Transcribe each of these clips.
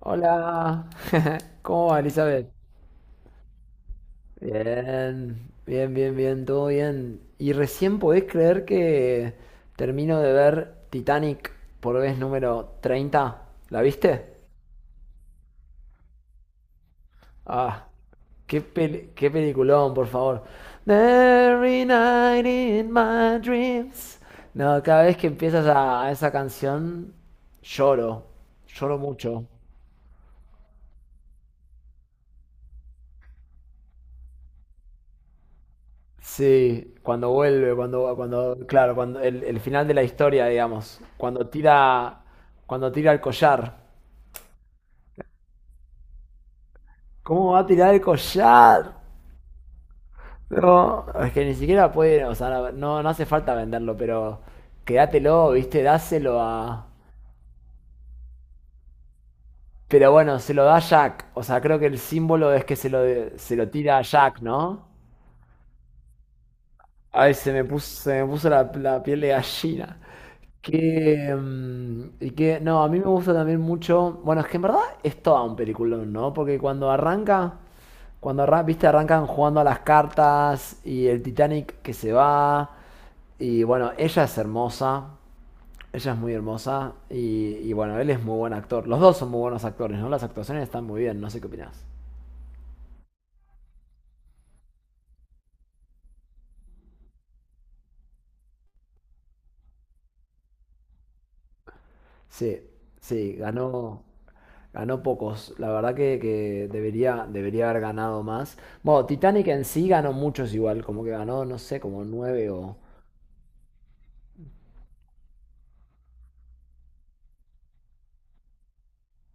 Hola, ¿cómo va, Elizabeth? Bien, bien, bien, bien, todo bien. Y recién podés creer que termino de ver Titanic por vez número 30. ¿La viste? Ah, qué peliculón, por favor. Every night in my dreams. No, cada vez que empiezas a esa canción, lloro, lloro mucho. Sí, cuando vuelve, claro, cuando el final de la historia, digamos, cuando tira el collar. ¿Cómo va a tirar el collar? No, es que ni siquiera puede, o sea, no hace falta venderlo, pero quédatelo, viste, dáselo a... Pero bueno, se lo da Jack, o sea, creo que el símbolo es que se lo tira a Jack, ¿no? Ay, se me puso la piel de gallina. Que, y que, no, a mí me gusta también mucho. Bueno, es que en verdad es todo un peliculón, ¿no? Porque cuando arranca, viste, arrancan jugando a las cartas y el Titanic que se va. Y bueno, ella es hermosa, ella es muy hermosa. Y bueno, él es muy buen actor. Los dos son muy buenos actores, ¿no? Las actuaciones están muy bien, no sé qué opinás. Sí, sí, ganó. Ganó pocos. La verdad que, debería, debería haber ganado más. Bueno, Titanic en sí ganó muchos igual. Como que ganó, no sé, como nueve o,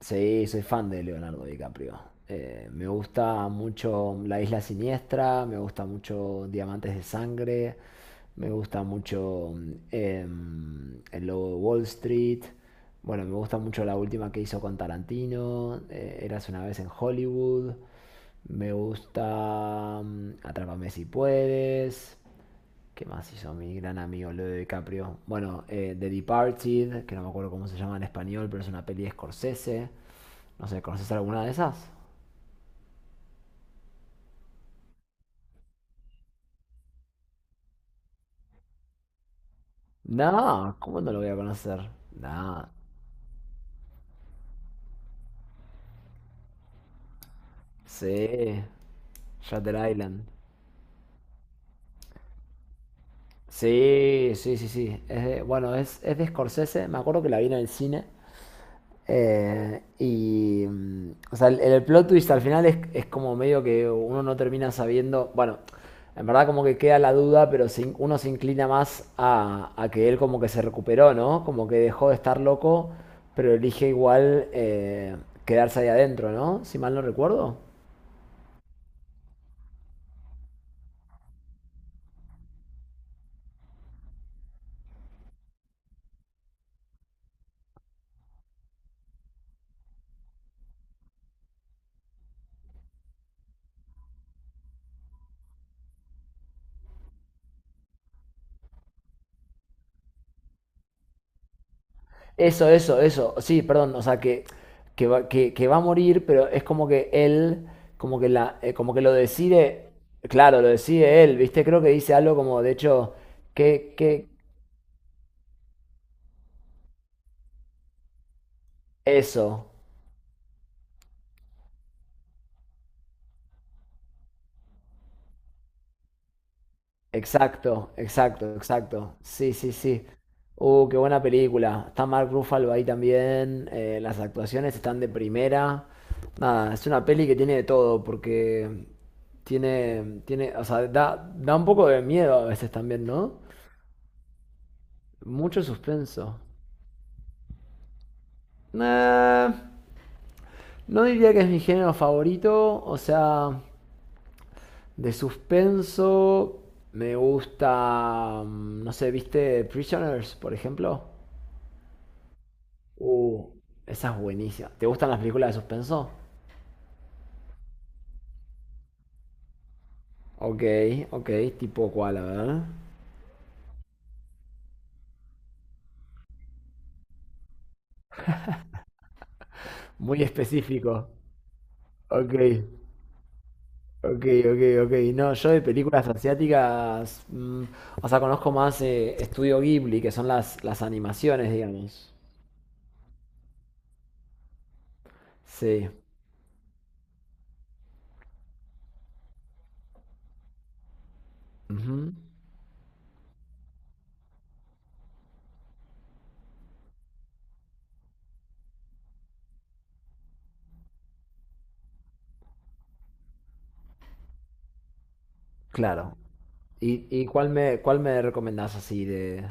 sí, soy fan de Leonardo DiCaprio. Me gusta mucho La Isla Siniestra, me gusta mucho Diamantes de Sangre, me gusta mucho El Lobo de Wall Street. Bueno, me gusta mucho la última que hizo con Tarantino, Eras una vez en Hollywood. Me gusta Atrápame si puedes. ¿Qué más hizo mi gran amigo Leo DiCaprio? Bueno, The Departed, que no me acuerdo cómo se llama en español, pero es una peli de Scorsese. No sé, ¿conoces alguna de esas? No, ¿cómo no lo voy a conocer? No, sí, Shutter Island. Sí, sí, sí, sí. Bueno, es de Scorsese. Me acuerdo que la vi en el cine. O sea, el plot twist al final es como medio que uno no termina sabiendo, bueno, en verdad como que queda la duda, pero se uno se inclina más a que él como que se recuperó, ¿no? Como que dejó de estar loco, pero elige igual quedarse ahí adentro, ¿no? Si mal no recuerdo. Eso, eso, eso. Sí, perdón, o sea, que va a morir, pero es como que él, como que como que lo decide, claro, lo decide él, ¿viste? Creo que dice algo como, de hecho, que, que, eso. Exacto, exacto, exacto. Sí, sí, sí. Qué buena película. Está Mark Ruffalo ahí también. Las actuaciones están de primera. Nada, es una peli que tiene de todo, porque tiene, o sea, da un poco de miedo a veces también, ¿no? Mucho suspenso. Nah, no diría que es mi género favorito. O sea, de suspenso me gusta, no sé, ¿viste Prisoners, por ejemplo? Uh, esa es buenísima. ¿Te gustan las películas de suspenso? Ok, ok, tipo cuál, a ver. Muy específico. Ok, ok, ok, ok. No, yo de películas asiáticas, mm, o sea, conozco más Estudio Ghibli, que son las animaciones, digamos. Sí. Ujú, claro. ¿Y, cuál me recomendás así de...?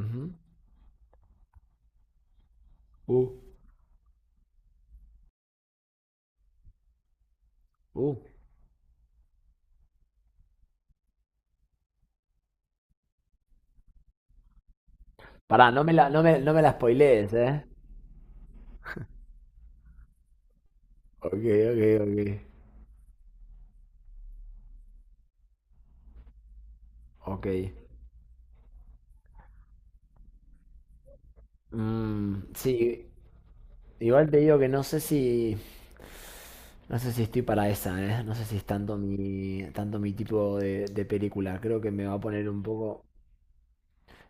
Ujú, uh, uh. Pará, no me la spoilees, ¿eh? Ok, ok, ok. Ok. Mm, sí, igual te digo que no sé si... No sé si estoy para esa, ¿eh? No sé si es tanto mi tipo de película. Creo que me va a poner un poco...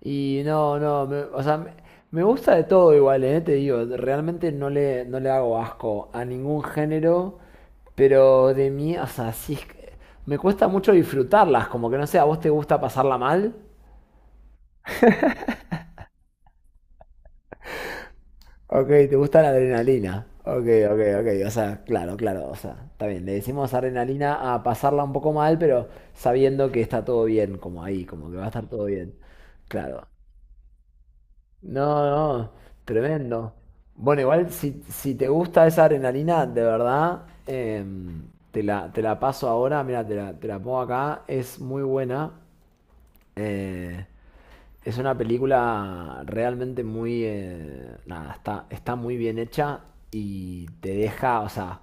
Y no, no, me gusta de todo igual, ¿eh? Te digo, realmente no le hago asco a ningún género. Pero de mí, o sea, sí, es que me cuesta mucho disfrutarlas, como que no sé, ¿a vos te gusta pasarla mal? Ok, ¿te gusta la adrenalina? Ok, ok, ok, o sea, claro, claro, o sea, está bien, le decimos adrenalina a pasarla un poco mal, pero sabiendo que está todo bien, como ahí, como que va a estar todo bien. Claro. No, no, tremendo. Bueno, igual si, si te gusta esa adrenalina, de verdad, te la paso ahora, mira, te la pongo acá, es muy buena. eh, Es una película realmente muy... nada, está, está muy bien hecha y te deja, o sea,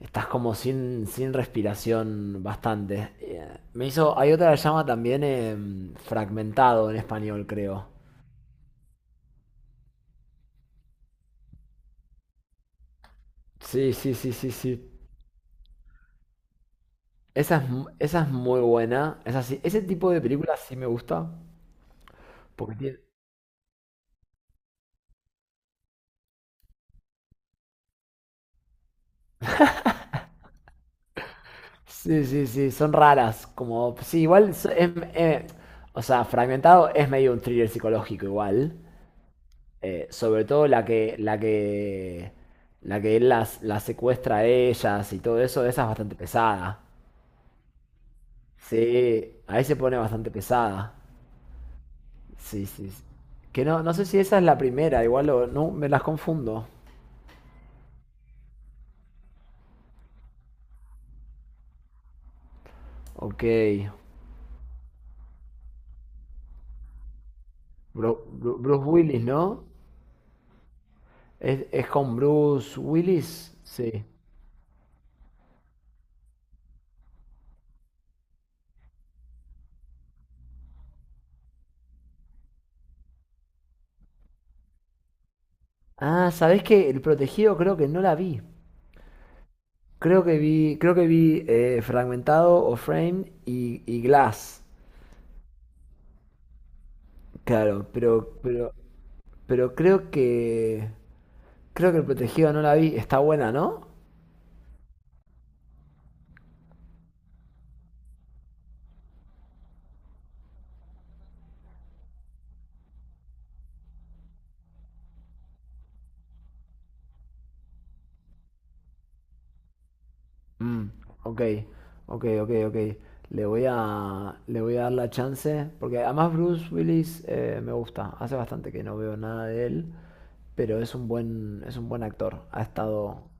estás como sin, sin respiración bastante. Me hizo... Hay otra que se llama también Fragmentado en español, creo. Sí, sí, sí, sí, sí. Esa es, esa es muy buena. Ese tipo de películas sí me gusta. Porque sí, sí, sí, son raras. Como, sí, igual. O sea, Fragmentado es medio un thriller psicológico, igual. Sobre todo la que él las secuestra a ellas y todo eso, esa es bastante pesada. Sí, ahí se pone bastante pesada. Sí, sí. Que no, no sé si esa es la primera, igual no, me las confundo. Ok. Bruce Willis, ¿no? Es con Bruce Willis? Sí. Ah, ¿sabés qué? El protegido creo que no la vi. Creo que vi Fragmentado o Frame y Glass. Claro, pero creo que. Creo que el protegido no la vi. Está buena, ¿no? Mm, ok, ok, ok, ok. Le voy a dar la chance. Porque además Bruce Willis me gusta. Hace bastante que no veo nada de él. Es un buen actor. Ha estado.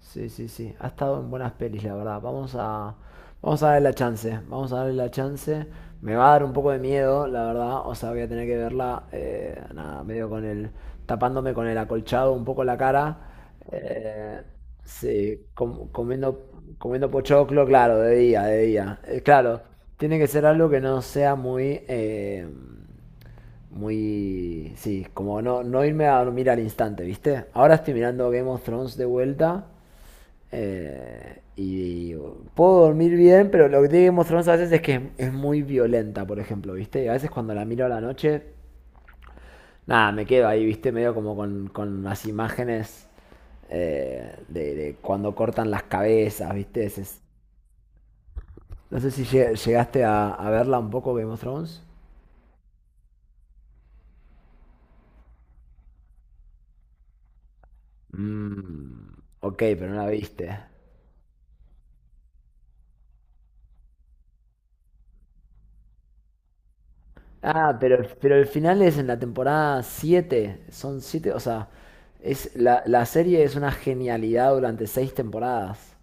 Sí, sí, sí. Ha estado en buenas pelis, la verdad. Vamos a darle la chance. Vamos a darle la chance. Me va a dar un poco de miedo, la verdad. O sea, voy a tener que verla, nada, medio tapándome con el acolchado un poco la cara. Eh, sí, comiendo, comiendo pochoclo, claro, de día, de día. Claro, tiene que ser algo que no sea muy, muy, sí, como no, no irme a dormir al instante, ¿viste? Ahora estoy mirando Game of Thrones de vuelta. Y puedo dormir bien, pero lo que tiene que mostrarnos a veces es que es muy violenta, por ejemplo, ¿viste? A veces cuando la miro a la noche, nada, me quedo ahí, ¿viste? Medio como con las imágenes de cuando cortan las cabezas, ¿viste? No sé si llegaste a verla un poco, Game of Thrones. Mm, ok, pero no la viste. Ah, pero el final es en la temporada 7, Son 7, o sea, es, la serie es una genialidad durante 6 temporadas.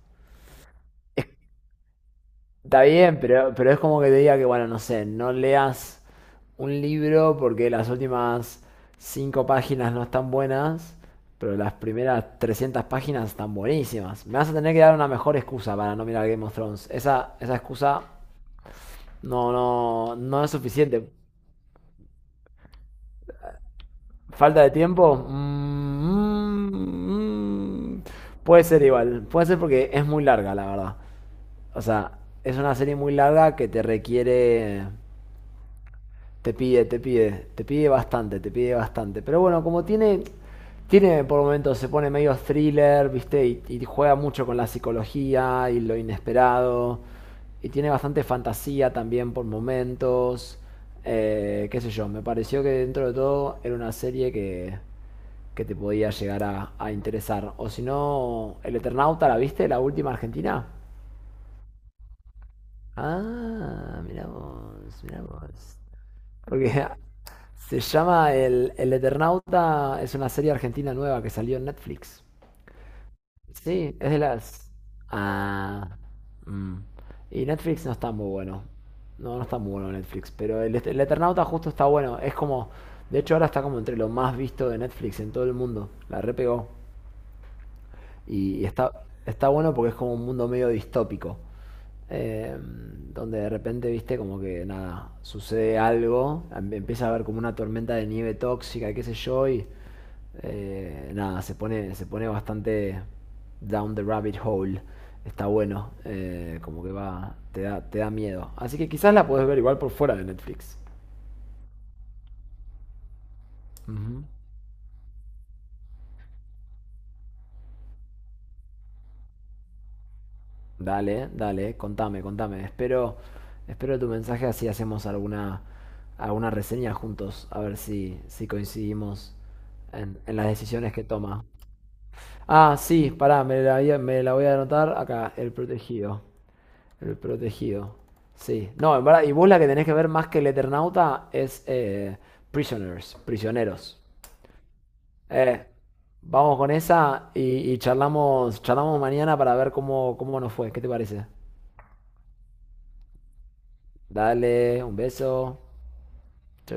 Está bien, pero es como que te diga que, bueno, no sé, no leas un libro porque las últimas 5 páginas no están buenas, pero las primeras 300 páginas están buenísimas. Me vas a tener que dar una mejor excusa para no mirar Game of Thrones. Esa excusa no es suficiente. ¿Falta de tiempo? Mm, puede ser igual. Puede ser porque es muy larga, la verdad. O sea, es una serie muy larga que te requiere. Te pide, te pide. Te pide bastante, te pide bastante. Pero bueno, como tiene. Tiene por momentos, se pone medio thriller, ¿viste? Y juega mucho con la psicología y lo inesperado. Y tiene bastante fantasía también por momentos. Qué sé yo, me pareció que dentro de todo era una serie que te podía llegar a interesar. O si no, El Eternauta, ¿la viste? La última argentina. Ah, mirá vos, mirá vos. Porque se llama El Eternauta, es una serie argentina nueva que salió en Netflix. Sí, es de las... Ah, mm. Y Netflix no está muy bueno. No, no está muy bueno Netflix, pero el Eternauta justo está bueno. Es como, de hecho ahora está como entre lo más visto de Netflix en todo el mundo. La repegó. Y está, está bueno porque es como un mundo medio distópico. eh, Donde de repente, viste, como que nada, sucede algo, empieza a haber como una tormenta de nieve tóxica, qué sé yo, y nada, se pone bastante down the rabbit hole. Está bueno, como que va, te da miedo. Así que quizás la puedes ver igual por fuera de Netflix. Ujú. Dale, dale, contame, contame. Espero, espero tu mensaje así hacemos alguna, alguna reseña juntos, a ver si, si coincidimos en las decisiones que toma. Ah, sí, pará, me la voy a anotar acá, el protegido. El protegido. Sí. No, en verdad, y vos la que tenés que ver más que el Eternauta es Prisoners, prisioneros. Eh, vamos con esa y charlamos, charlamos mañana para ver cómo, cómo nos fue. ¿Qué te parece? Dale, un beso. Chao.